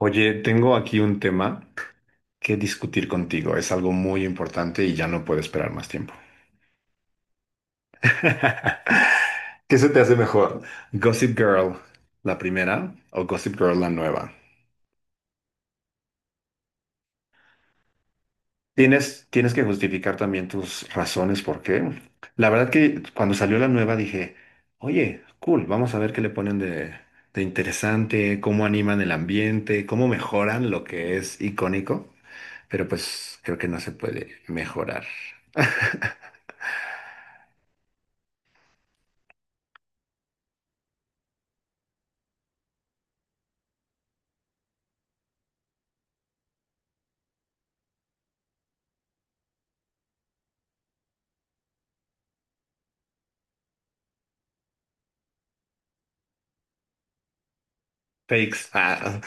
Oye, tengo aquí un tema que discutir contigo. Es algo muy importante y ya no puedo esperar más tiempo. ¿Qué se te hace mejor? ¿Gossip Girl, la primera, o Gossip Girl, la nueva? Tienes que justificar también tus razones por qué. La verdad que cuando salió la nueva dije, oye, cool, vamos a ver qué le ponen de interesante, cómo animan el ambiente, cómo mejoran lo que es icónico. Pero pues creo que no se puede mejorar. Fakes. Ah.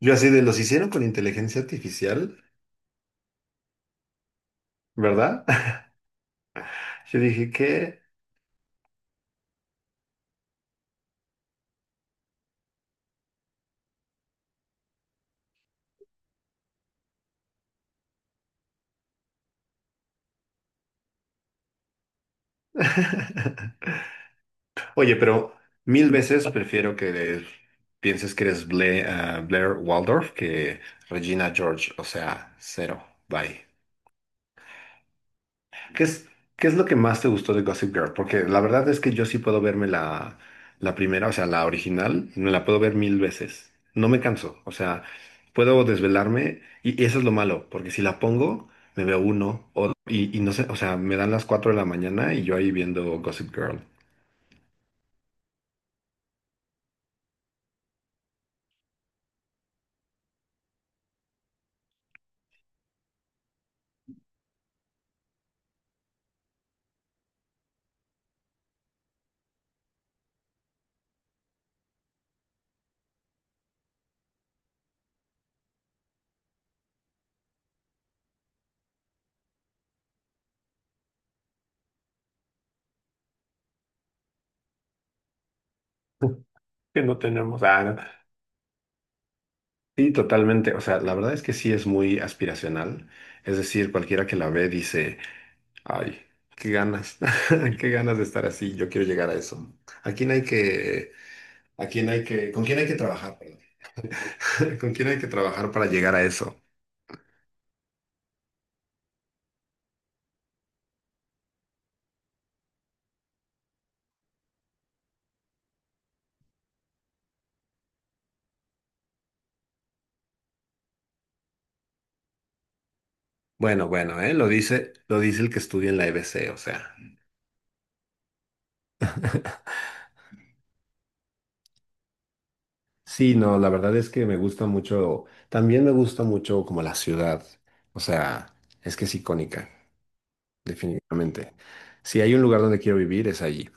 Yo así de los hicieron con inteligencia artificial, ¿verdad? Yo dije, ¿qué? Oye, pero mil veces prefiero que pienses que eres Blair Waldorf que Regina George. O sea, cero. Bye. ¿Qué es, ¿qué es lo que más te gustó de Gossip Girl? Porque la verdad es que yo sí puedo verme la primera, o sea, la original, me la puedo ver mil veces. No me canso, o sea, puedo desvelarme y eso es lo malo, porque si la pongo, me veo uno o y no sé, o sea, me dan las 4 de la mañana y yo ahí viendo Gossip Girl. Que no tenemos. Ah, no. Sí, totalmente, o sea, la verdad es que sí es muy aspiracional, es decir, cualquiera que la ve dice... Ay, qué ganas, qué ganas de estar así. Yo quiero llegar a eso. ¿A quién hay que, ¿a quién hay con quién hay que trabajar, perdón? ¿Con quién hay que trabajar para llegar a eso? Bueno, bueno, ¿eh? Lo dice el que estudia en la EBC, o sea. Sí, no, la verdad es que me gusta mucho, también me gusta mucho como la ciudad, o sea, es que es icónica, definitivamente. Si hay un lugar donde quiero vivir, es allí.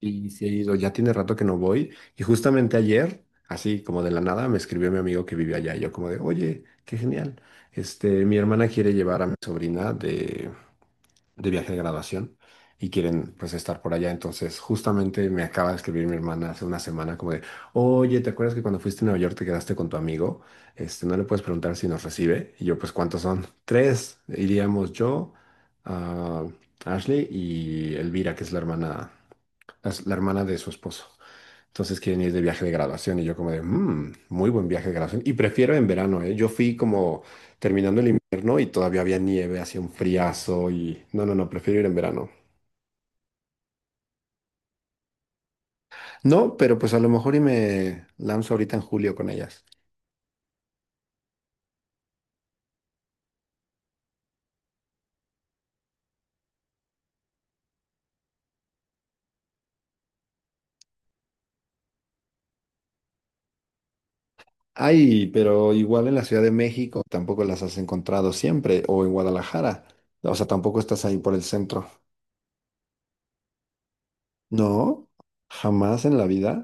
Y sí he ido, ya tiene rato que no voy. Y justamente ayer, así como de la nada, me escribió mi amigo que vive allá. Y yo como de, oye, qué genial. Este, mi hermana quiere llevar a mi sobrina de viaje de graduación y quieren pues estar por allá. Entonces, justamente me acaba de escribir mi hermana hace 1 semana como de, oye, ¿te acuerdas que cuando fuiste a Nueva York te quedaste con tu amigo? Este, no le puedes preguntar si nos recibe. Y yo, pues, ¿cuántos son? Tres. Iríamos yo, ah, Ashley y Elvira, que es la hermana, la hermana de su esposo. Entonces quieren ir de viaje de graduación y yo como de, "Mm, muy buen viaje de graduación. Y prefiero en verano, ¿eh? Yo fui como terminando el invierno y todavía había nieve, hacía un friazo y no, prefiero ir en verano. No, pero pues a lo mejor y me lanzo ahorita en julio con ellas. Ay, pero igual en la Ciudad de México tampoco las has encontrado siempre o en Guadalajara. O sea, tampoco estás ahí por el centro. No, jamás en la vida.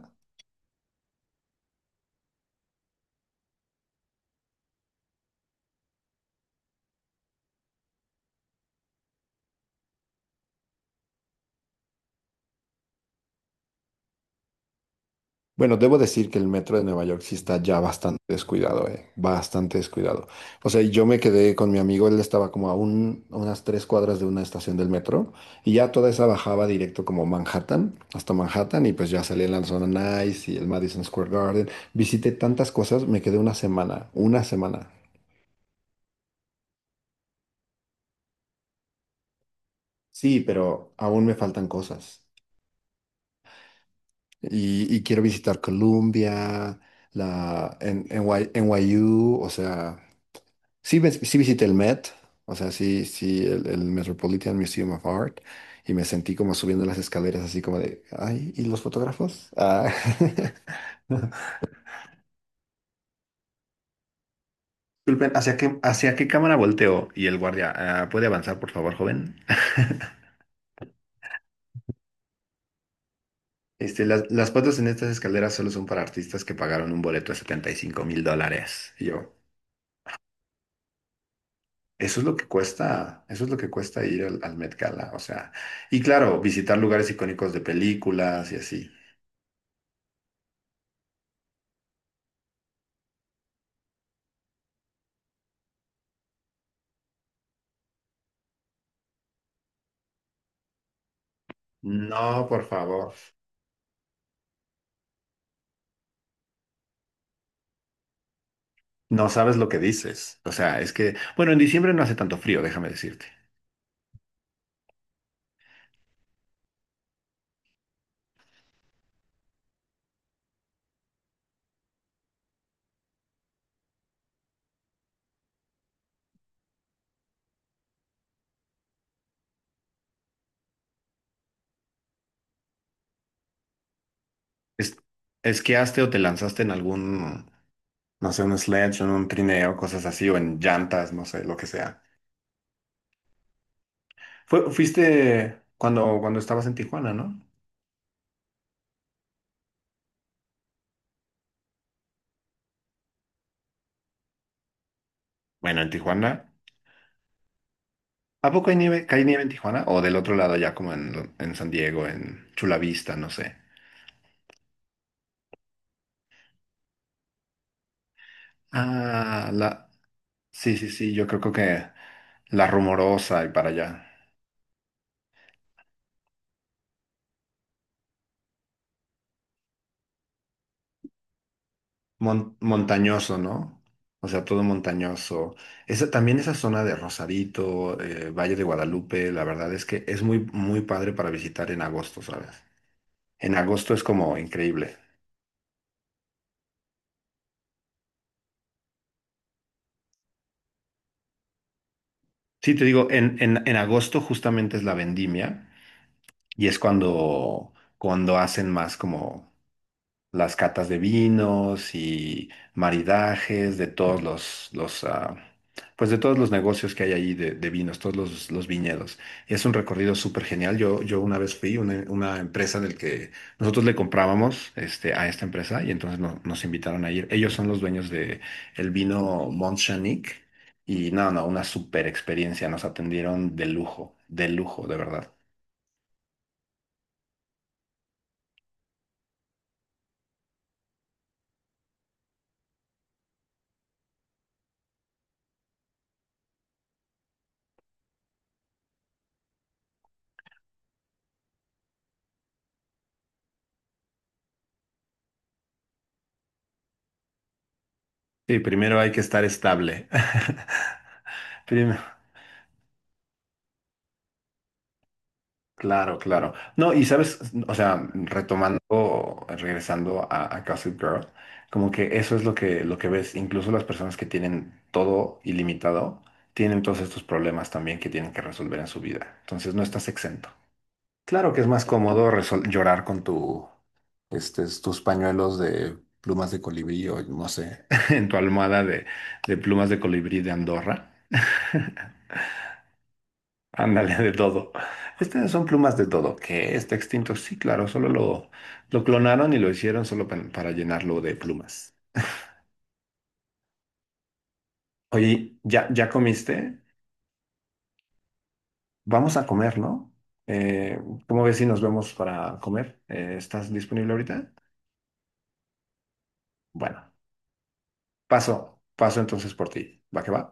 Bueno, debo decir que el metro de Nueva York sí está ya bastante descuidado, bastante descuidado. O sea, yo me quedé con mi amigo, él estaba como a unas 3 cuadras de una estación del metro y ya toda esa bajaba directo como Manhattan, hasta Manhattan y pues ya salí en la zona Nice y el Madison Square Garden. Visité tantas cosas, me quedé 1 semana. Sí, pero aún me faltan cosas. Y quiero visitar Colombia, NY NYU, o sea... Sí, sí visité el Met, o sea, sí, sí, el Metropolitan Museum of Art, y me sentí como subiendo las escaleras, así como de, ay, ¿y los fotógrafos? Ah. Disculpen, ¿hacia qué cámara volteo? Y el guardia, "Ah, ¿puede avanzar, por favor, joven? Este, las fotos en estas escaleras solo son para artistas que pagaron un boleto de $75,000. Y yo, eso es lo que cuesta, eso es lo que cuesta ir al, al Met Gala, o sea, y claro, visitar lugares icónicos de películas y así. No, por favor. No sabes lo que dices. O sea, es que, bueno, en diciembre no hace tanto frío, déjame decirte. Es, ¿esquiaste o te lanzaste en algún, no sé, un sledge, en un trineo, cosas así, o en llantas, no sé, lo que sea? ¿Fuiste cuando, cuando estabas en Tijuana, ¿no? Bueno, en Tijuana. ¿A poco hay nieve? ¿Cae nieve en Tijuana? O del otro lado, ya como en San Diego, en Chula Vista, no sé. Ah, la. Sí, sí, sí, yo creo que la rumorosa y para allá. ¿Montañoso, no? O sea, todo montañoso. También esa zona de Rosarito, Valle de Guadalupe, la verdad es que es muy, muy padre para visitar en agosto, ¿sabes? En agosto es como increíble. Sí, te digo, en agosto justamente es la vendimia y es cuando hacen más como las catas de vinos y maridajes de todos los, pues de todos los negocios que hay ahí de vinos, todos los viñedos. Es un recorrido súper genial. Yo una vez fui una empresa del que nosotros le comprábamos este, a esta empresa y entonces nos invitaron a ir. Ellos son los dueños de el vino Mont Chanique y no, no, una súper experiencia. Nos atendieron de lujo, de lujo, de verdad. Sí, primero hay que estar estable. Prim- Claro, claro. No, y sabes, o sea, retomando, regresando a Gossip Girl, como que eso es lo que ves, incluso las personas que tienen todo ilimitado, tienen todos estos problemas también que tienen que resolver en su vida. Entonces no estás exento. Claro que es más cómodo llorar con tu, este, tus pañuelos de plumas de colibrí o no sé, en tu almohada de plumas de colibrí de Andorra. Ándale, de todo. Estas son plumas de todo. ¿Qué? ¿Está extinto? Sí, claro, lo clonaron y lo hicieron solo para llenarlo de plumas. Oye, ¿ya comiste? Vamos a comer, ¿no? Eh, ¿Cómo ves si nos vemos para comer? ¿Estás disponible ahorita? Bueno, paso entonces por ti. ¿Va que va?